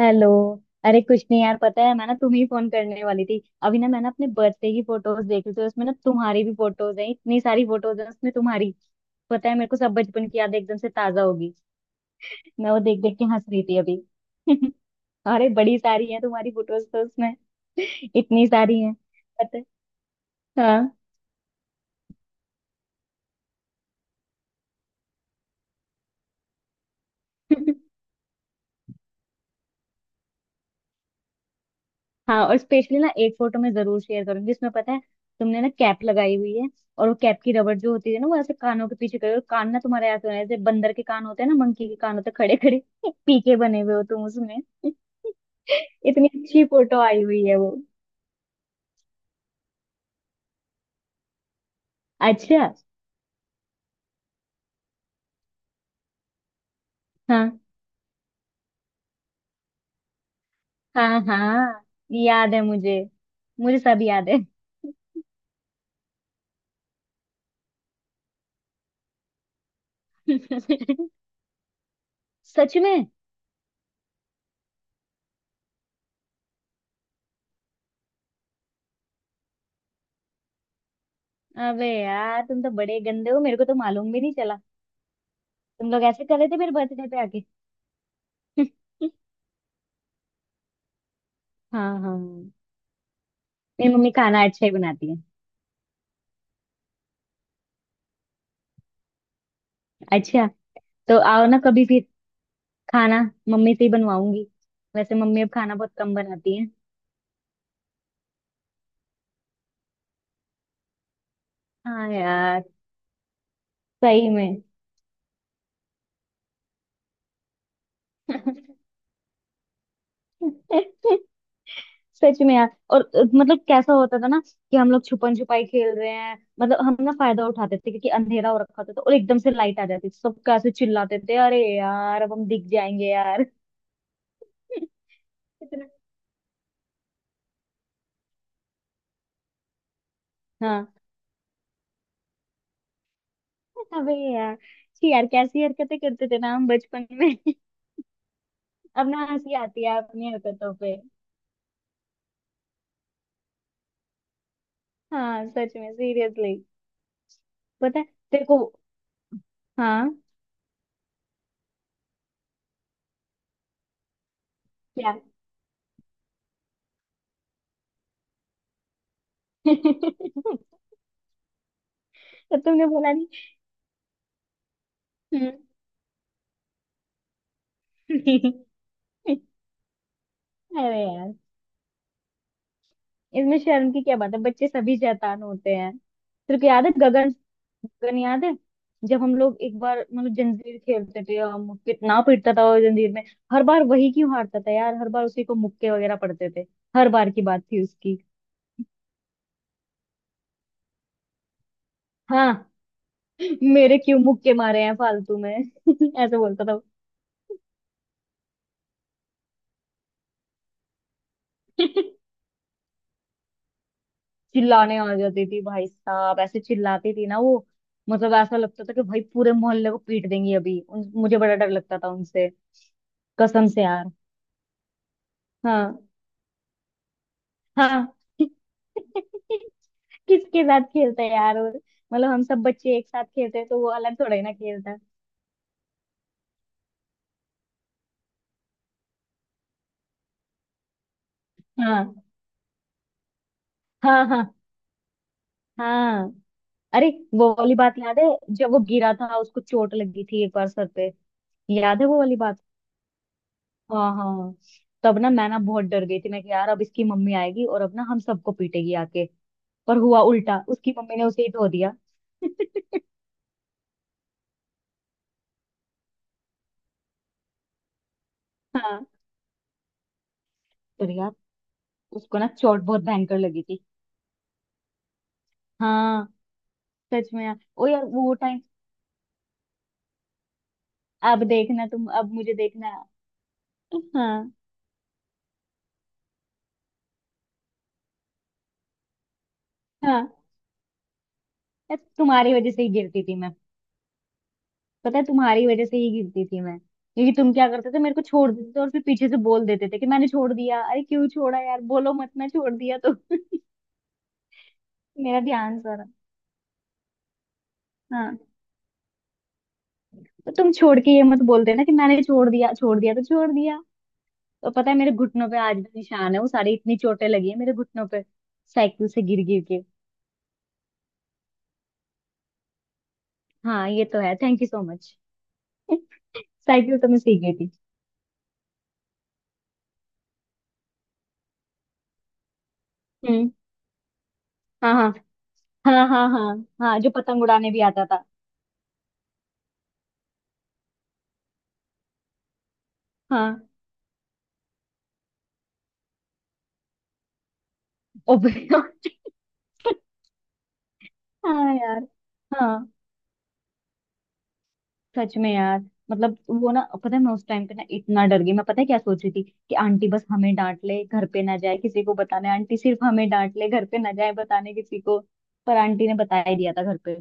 Hello. अरे कुछ नहीं यार, पता है मैं ना तुम्हें ही फोन करने वाली थी। अभी ना मैंने अपने बर्थडे की फोटोज देखी थी, उसमें ना तुम्हारी भी फोटोज हैं, इतनी सारी फोटोज हैं उसमें तुम्हारी। पता है, मेरे को सब बचपन की याद एकदम से ताजा होगी। मैं वो देख देख के हंस रही थी अभी। अरे बड़ी सारी है तुम्हारी फोटोज तो उसमें। इतनी सारी है। पता है। हाँ। हाँ, और स्पेशली ना एक फोटो मैं जरूर शेयर करूंगी, इसमें पता है तुमने ना कैप लगाई हुई है, और वो कैप की रबड़ जो होती है ना, वो ऐसे कानों के पीछे करी, और कान ना तुम्हारे ऐसे होने हैं, जैसे बंदर के कान होते हैं ना, मंकी के कान होते हैं खड़े खड़े। पीके बने हुए हो तुम उसमें। इतनी अच्छी फोटो आई हुई है वो। अच्छा। हाँ हाँ। हाँ, याद है मुझे। मुझे सब याद है। सच में। अबे यार, तुम तो बड़े गंदे हो, मेरे को तो मालूम भी नहीं चला। तुम लोग ऐसे कर रहे थे मेरे बर्थडे पे आके। हाँ हाँ, मेरी मम्मी खाना अच्छा ही बनाती है। अच्छा, तो आओ ना कभी फिर खाना, मम्मी से ही बनवाऊंगी। वैसे मम्मी अब खाना बहुत कम बनाती है। हाँ यार। सही में। सच में यार। और मतलब कैसा होता था ना कि हम लोग छुपन छुपाई खेल रहे हैं, मतलब हम ना फायदा उठाते थे क्योंकि अंधेरा हो रखा होता था, और एकदम से लाइट आ जाती थी, सब कैसे चिल्लाते थे, अरे यार अब हम दिख जाएंगे यार। इतना। हाँ। अबे यार, छी यार कैसी हरकतें करते थे ना हम बचपन में। अब ना हंसी आती है अपनी हरकतों पे। हाँ, सच में, सीरियसली। पता है तेरे को। हाँ। क्या। तो तुमने बोला नहीं। हम्म। अरे यार, इसमें शर्म की क्या बात है, बच्चे सभी शैतान होते हैं। तेरे को याद है गगन, गगन याद है, जब हम लोग एक बार मतलब जंजीर खेलते थे, हम कितना पिटता था वो जंजीर में। हर बार वही क्यों हारता था यार, हर बार उसी को मुक्के वगैरह पड़ते थे। हर बार की बात थी उसकी। हाँ, मेरे क्यों मुक्के मारे हैं फालतू में, ऐसे बोलता था वो। चिल्लाने आ जाती थी भाई साहब, ऐसे चिल्लाती थी ना वो। मतलब ऐसा लगता था कि भाई पूरे मोहल्ले को पीट देंगी अभी। मुझे बड़ा डर लगता था उनसे। कसम से यार। हाँ। हाँ। किसके साथ खेलता है यार, और मतलब हम सब बच्चे एक साथ खेलते हैं तो वो अलग थोड़ा ही ना खेलता है। हाँ। हाँ हाँ। हाँ। अरे, वो वाली बात याद है, जब वो गिरा था, उसको चोट लगी थी एक बार सर पे। याद है वो वाली बात। हाँ हाँ। तब ना मैं ना बहुत डर गई थी, मैं कि यार अब इसकी मम्मी आएगी और अब ना हम सबको पीटेगी आके। पर हुआ उल्टा, उसकी मम्मी ने उसे ही धो दिया। हाँ। पर यार, उसको ना चोट बहुत भयंकर लगी थी। हाँ, सच में यार। ओ यार, वो टाइम। अब देखना तुम, अब मुझे देखना। हाँ। हाँ यार, तुम्हारी वजह से ही गिरती थी मैं। पता है, तुम्हारी वजह से ही गिरती थी मैं, क्योंकि तुम क्या करते थे, मेरे को छोड़ देते थे और फिर पीछे से बोल देते थे कि मैंने छोड़ दिया। अरे क्यों छोड़ा यार, बोलो मत मैं छोड़ दिया तो। मेरा ध्यान सारा। हाँ, तो तुम छोड़ के ये मत बोल देना कि मैंने छोड़ दिया, छोड़ दिया तो छोड़ दिया। तो पता है मेरे घुटनों पे आज भी निशान है, वो सारी इतनी चोटें लगी है मेरे घुटनों पे साइकिल से गिर गिर के। हाँ, ये तो है, thank you so much. Cycle तो मैं सीख गई थी। हम्म। हाँ हाँ। हाँ हाँ हाँ, हाँ जो पतंग उड़ाने भी आता था। हाँ। ओ भाई, हाँ यार। हाँ, सच में यार। मतलब वो ना पता है, मैं उस टाइम पे ना इतना डर गई, मैं पता है क्या सोच रही थी कि आंटी बस हमें डांट ले, घर पे ना जाए किसी को बताने, आंटी सिर्फ हमें डांट ले, घर पे ना जाए बताने किसी को। पर आंटी ने बता ही दिया था घर पे।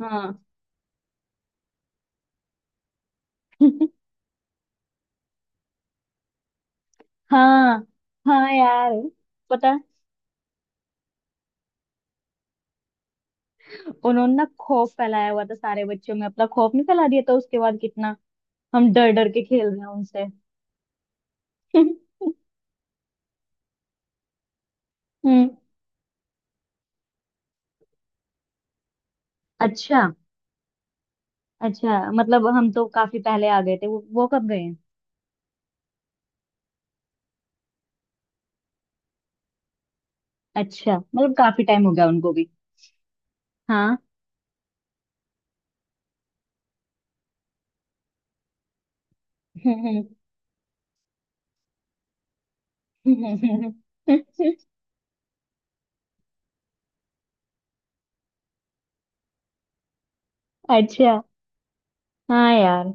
हाँ। हाँ। हाँ यार। पता है, उन्होंने ना खौफ फैलाया हुआ था सारे बच्चों में, अपना खौफ नहीं फैला दिया था उसके बाद। कितना हम डर डर के खेल रहे हैं उनसे। हम्म। अच्छा। अच्छा, मतलब हम तो काफी पहले आ गए थे, वो कब गए। अच्छा, मतलब काफी टाइम हो गया उनको भी। हाँ। अच्छा। हाँ यार।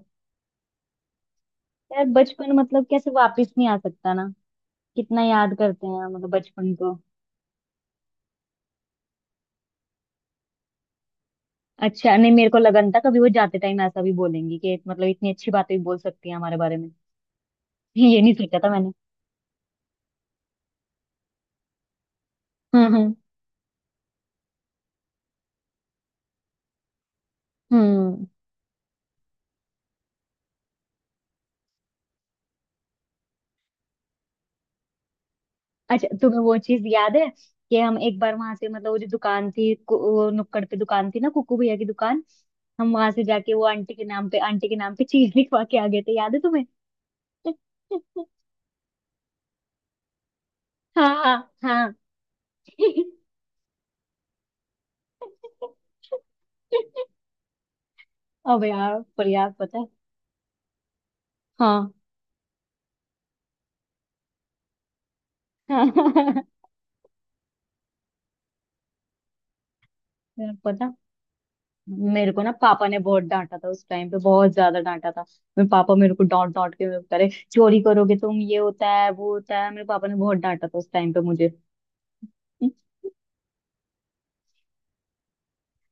यार बचपन मतलब कैसे वापस नहीं आ सकता ना, कितना याद करते हैं मतलब बचपन को। अच्छा, नहीं मेरे को लगन था कभी वो जाते टाइम ऐसा भी बोलेंगी कि मतलब इतनी अच्छी बातें भी बोल सकती हैं हमारे बारे में। ये नहीं सोचा था मैंने। हम्म। हम्म। हम्म। अच्छा, तुम्हें वो चीज याद है कि हम एक बार वहां से, मतलब वो जो दुकान थी वो नुक्कड़ पे दुकान थी ना, कुकू भैया की दुकान, हम वहां से जाके वो आंटी के नाम पे, आंटी के नाम पे चीज लिखवा के आ गए थे, याद है तुम्हें। हाँ हाँ। अब यार, पर यार पता है। हाँ हाँ। यार पता, मेरे को ना पापा ने बहुत डांटा था उस टाइम पे, बहुत ज्यादा डांटा था। मेरे पापा मेरे को डांट डांट के मेरे को कह रहे, चोरी करोगे तुम, ये होता है वो होता है, मेरे पापा ने बहुत डांटा था उस टाइम पे मुझे।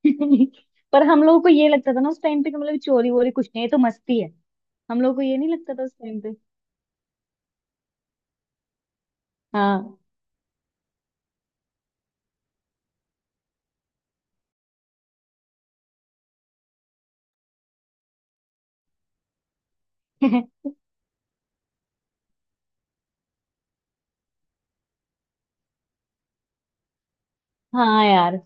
पर हम लोगों को ये लगता था ना उस टाइम पे कि मतलब चोरी वोरी कुछ नहीं है, ये तो मस्ती है। हम लोगों को ये नहीं लगता था उस टाइम पे। हाँ। हाँ यार,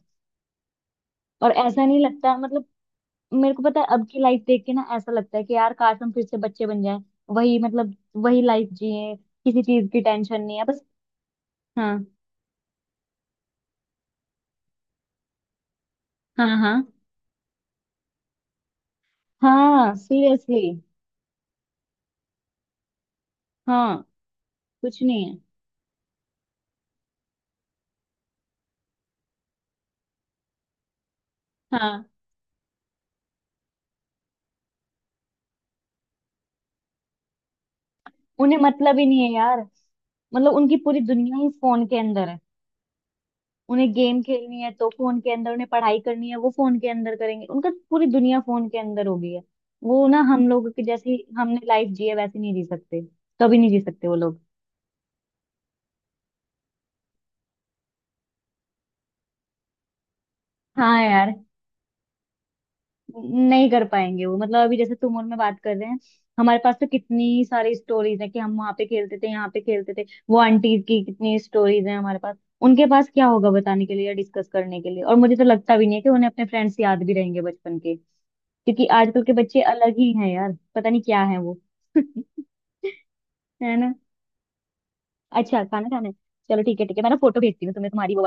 और ऐसा नहीं लगता मतलब, मेरे को पता है अब की लाइफ देख के ना ऐसा लगता है कि यार काश हम फिर से बच्चे बन जाएं, वही मतलब वही लाइफ जिए, किसी चीज की टेंशन नहीं है बस। हाँ। हाँ हाँ। हाँ सीरियसली। हाँ, कुछ नहीं है। हाँ, उन्हें मतलब ही नहीं है यार। मतलब उनकी पूरी दुनिया ही फोन के अंदर है। उन्हें गेम खेलनी है तो फोन के अंदर, उन्हें पढ़ाई करनी है वो फोन के अंदर करेंगे, उनका पूरी दुनिया फोन के अंदर हो गई है। वो ना हम लोगों की जैसी हमने लाइफ जी है वैसी नहीं जी सकते, कभी नहीं जी सकते वो लोग। हाँ यार, नहीं कर पाएंगे वो, मतलब अभी जैसे तुम और मैं बात कर रहे हैं, हमारे पास तो कितनी सारी स्टोरीज है कि हम वहां पे खेलते थे, यहाँ पे खेलते थे, वो आंटीज की कितनी स्टोरीज हैं हमारे पास। उनके पास क्या होगा बताने के लिए या डिस्कस करने के लिए, और मुझे तो लगता भी नहीं है कि उन्हें अपने फ्रेंड्स याद भी रहेंगे बचपन के, क्योंकि आजकल के बच्चे अलग ही हैं यार, पता नहीं क्या है वो। है ना। अच्छा, खाना खाना है? चलो ठीक है, ठीक है मैं ना फोटो भेजती हूँ तुम्हें तुम्हारी वो